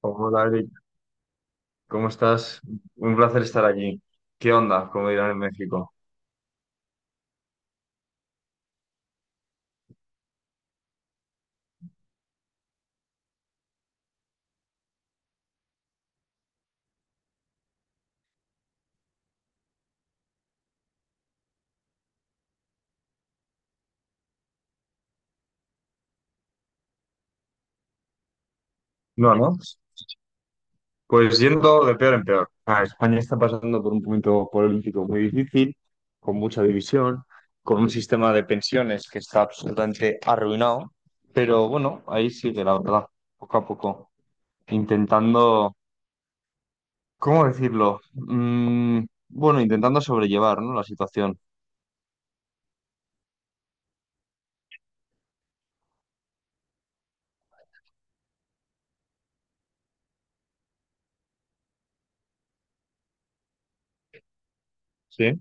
Hola, Eric, ¿cómo estás? Un placer estar aquí. ¿Qué onda? Como dirán en México. No, ¿no? Pues yendo de peor en peor. España está pasando por un momento político muy difícil, con mucha división, con un sistema de pensiones que está absolutamente arruinado, pero bueno, ahí sigue la verdad, poco a poco, intentando, ¿cómo decirlo? Bueno, intentando sobrellevar, ¿no? La situación. Sí.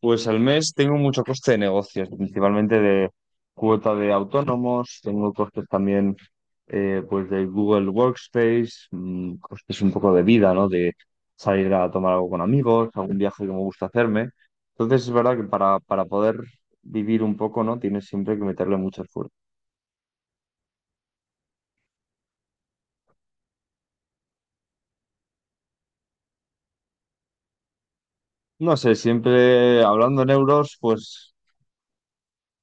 Pues al mes tengo mucho coste de negocios, principalmente de cuota de autónomos, tengo costes también pues de Google Workspace, costes un poco de vida, ¿no? De salir a tomar algo con amigos, algún viaje que me gusta hacerme. Entonces es verdad que para poder vivir un poco, ¿no? Tienes siempre que meterle mucho esfuerzo. No sé, siempre hablando en euros, pues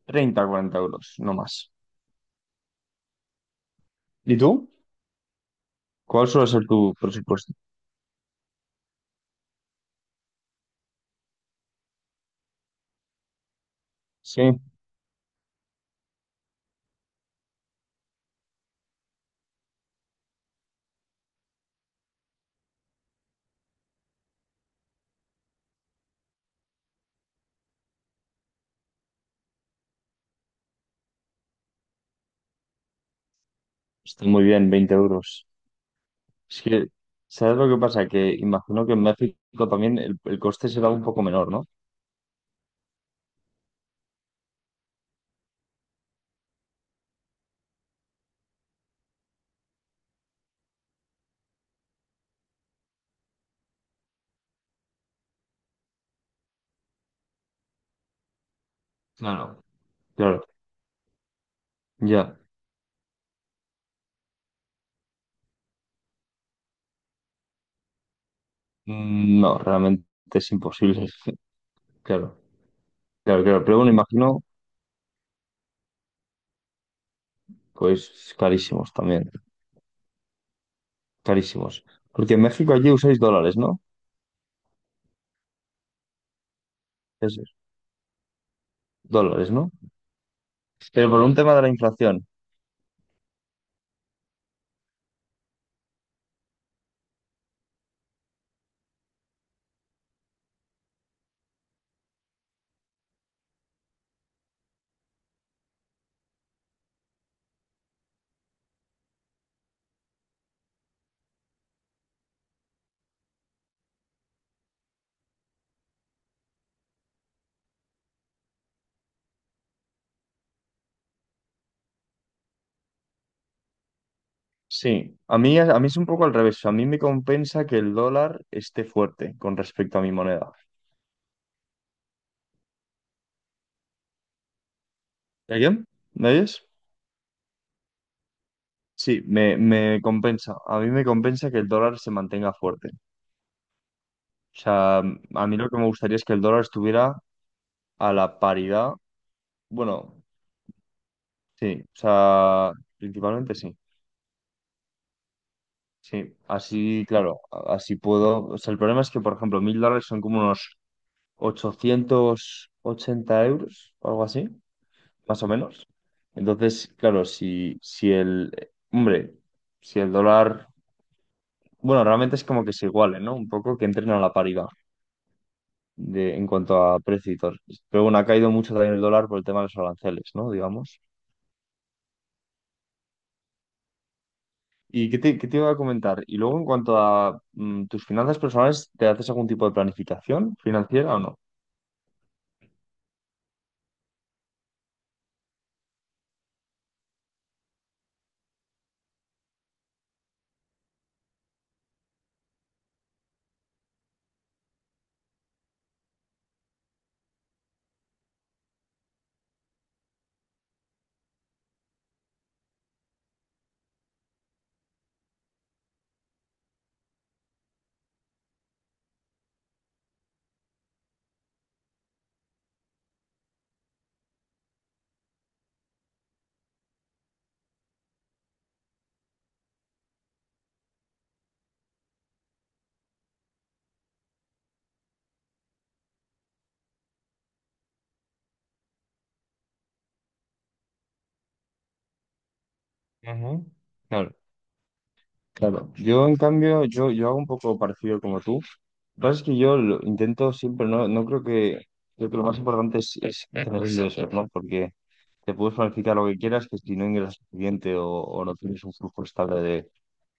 30, 40 euros, no más. ¿Y tú? ¿Cuál suele ser tu presupuesto? Sí, está muy bien, 20 euros. Es que, ¿sabes lo que pasa? Que imagino que en México también el coste será un poco menor, ¿no? Claro. Claro, ya. No, realmente es imposible. Claro, claro, claro. Pero bueno, imagino, pues carísimos también, carísimos. Porque en México allí usáis dólares, ¿no? Es dólares, ¿no? Pero por un tema de la inflación. Sí, a mí es un poco al revés. A mí me compensa que el dólar esté fuerte con respecto a mi moneda. ¿Alguien? ¿Me oyes? Sí, me compensa. A mí me compensa que el dólar se mantenga fuerte. O sea, a mí lo que me gustaría es que el dólar estuviera a la paridad. Bueno, sí, o sea, principalmente sí. Sí, así, claro, así puedo. O sea, el problema es que, por ejemplo, 1.000 dólares son como unos 880 euros o algo así, más o menos. Entonces, claro, si el, hombre, si el dólar, bueno, realmente es como que se igualen, ¿no? Un poco que entren a la paridad, de, en cuanto a precios. Pero bueno, ha caído mucho también el dólar por el tema de los aranceles, ¿no? Digamos. ¿Y qué te iba a comentar? Y luego, en cuanto a tus finanzas personales, ¿te haces algún tipo de planificación financiera o no? Claro, yo en cambio, yo hago un poco parecido como tú. Lo que pasa es que yo lo intento siempre, no, creo que lo más importante es tener ingresos, ¿no? Porque te puedes planificar lo que quieras, que si no ingresas suficiente o no tienes un flujo estable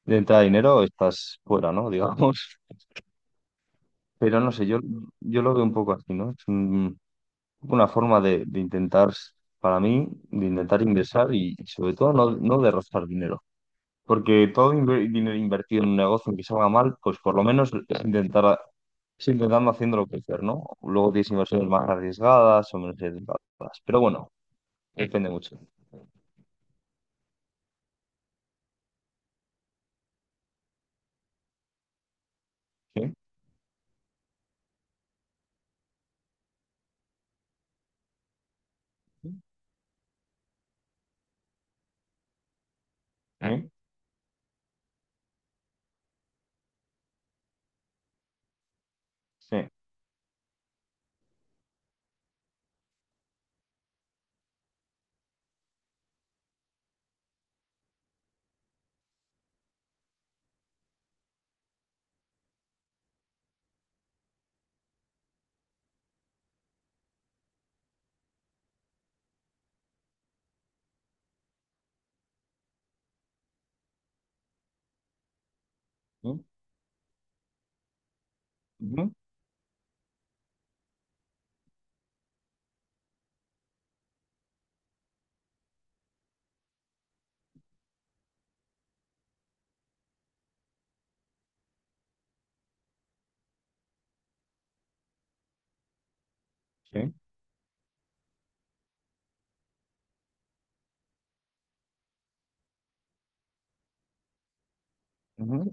de entrada de dinero, estás fuera, ¿no? Digamos. Pero no sé, yo lo veo un poco así, ¿no? Es un- una forma de intentar, para mí, de intentar ingresar y sobre todo no, no de rozar dinero. Porque todo inver- dinero invertido en un negocio que salga mal, pues por lo menos es intentar, es intentando haciéndolo crecer, ¿no? Luego tienes inversiones más arriesgadas o menos arriesgadas. Pero bueno, depende mucho. ¿Sí? ¿Sí? ¿Sí? ¿Sí? ¿Sí? Ujú. ¿Sí? Ujú.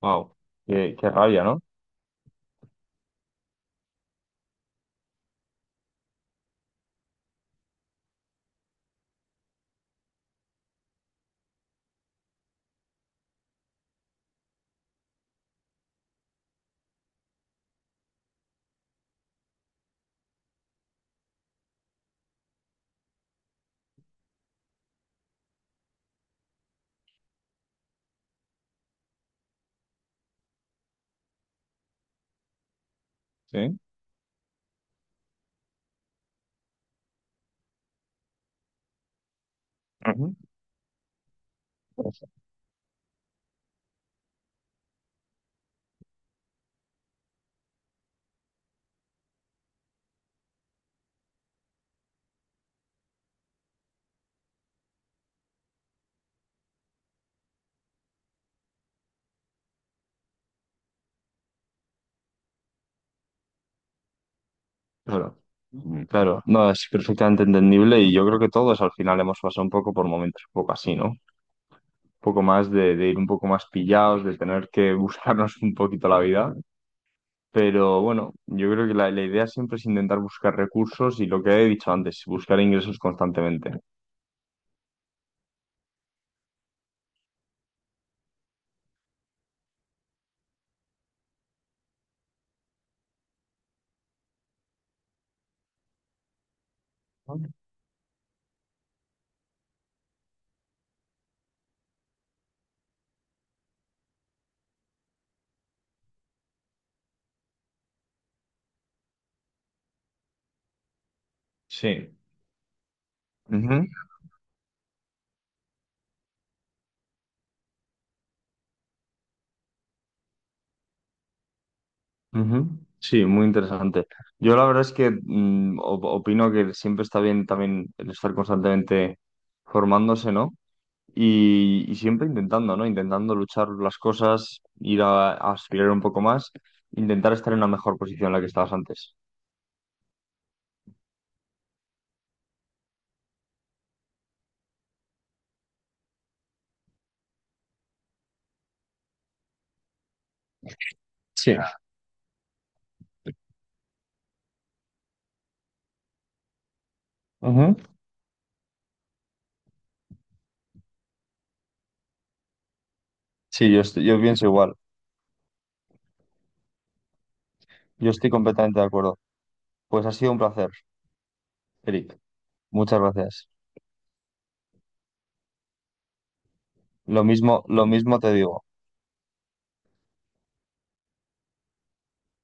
Guau. Qué, qué rabia, ¿no? Sí. Ujú. Claro. Claro, no, es perfectamente entendible y yo creo que todos al final hemos pasado un poco por momentos un poco así, ¿no? Un poco más de ir un poco más pillados, de tener que buscarnos un poquito la vida, pero bueno, yo creo que la idea siempre es intentar buscar recursos y lo que he dicho antes, buscar ingresos constantemente. Sí. Ujú, ujú. Sí, muy interesante. Yo la verdad es que op- opino que siempre está bien también el estar constantemente formándose, ¿no? Y, y siempre intentando, ¿no? Intentando luchar las cosas, ir a aspirar un poco más, intentar estar en una mejor posición en la que estabas antes. Sí. Ujú. Sí, yo, estoy- yo pienso igual. Yo estoy completamente de acuerdo. Pues ha sido un placer, Eric. Muchas gracias. Lo mismo te digo.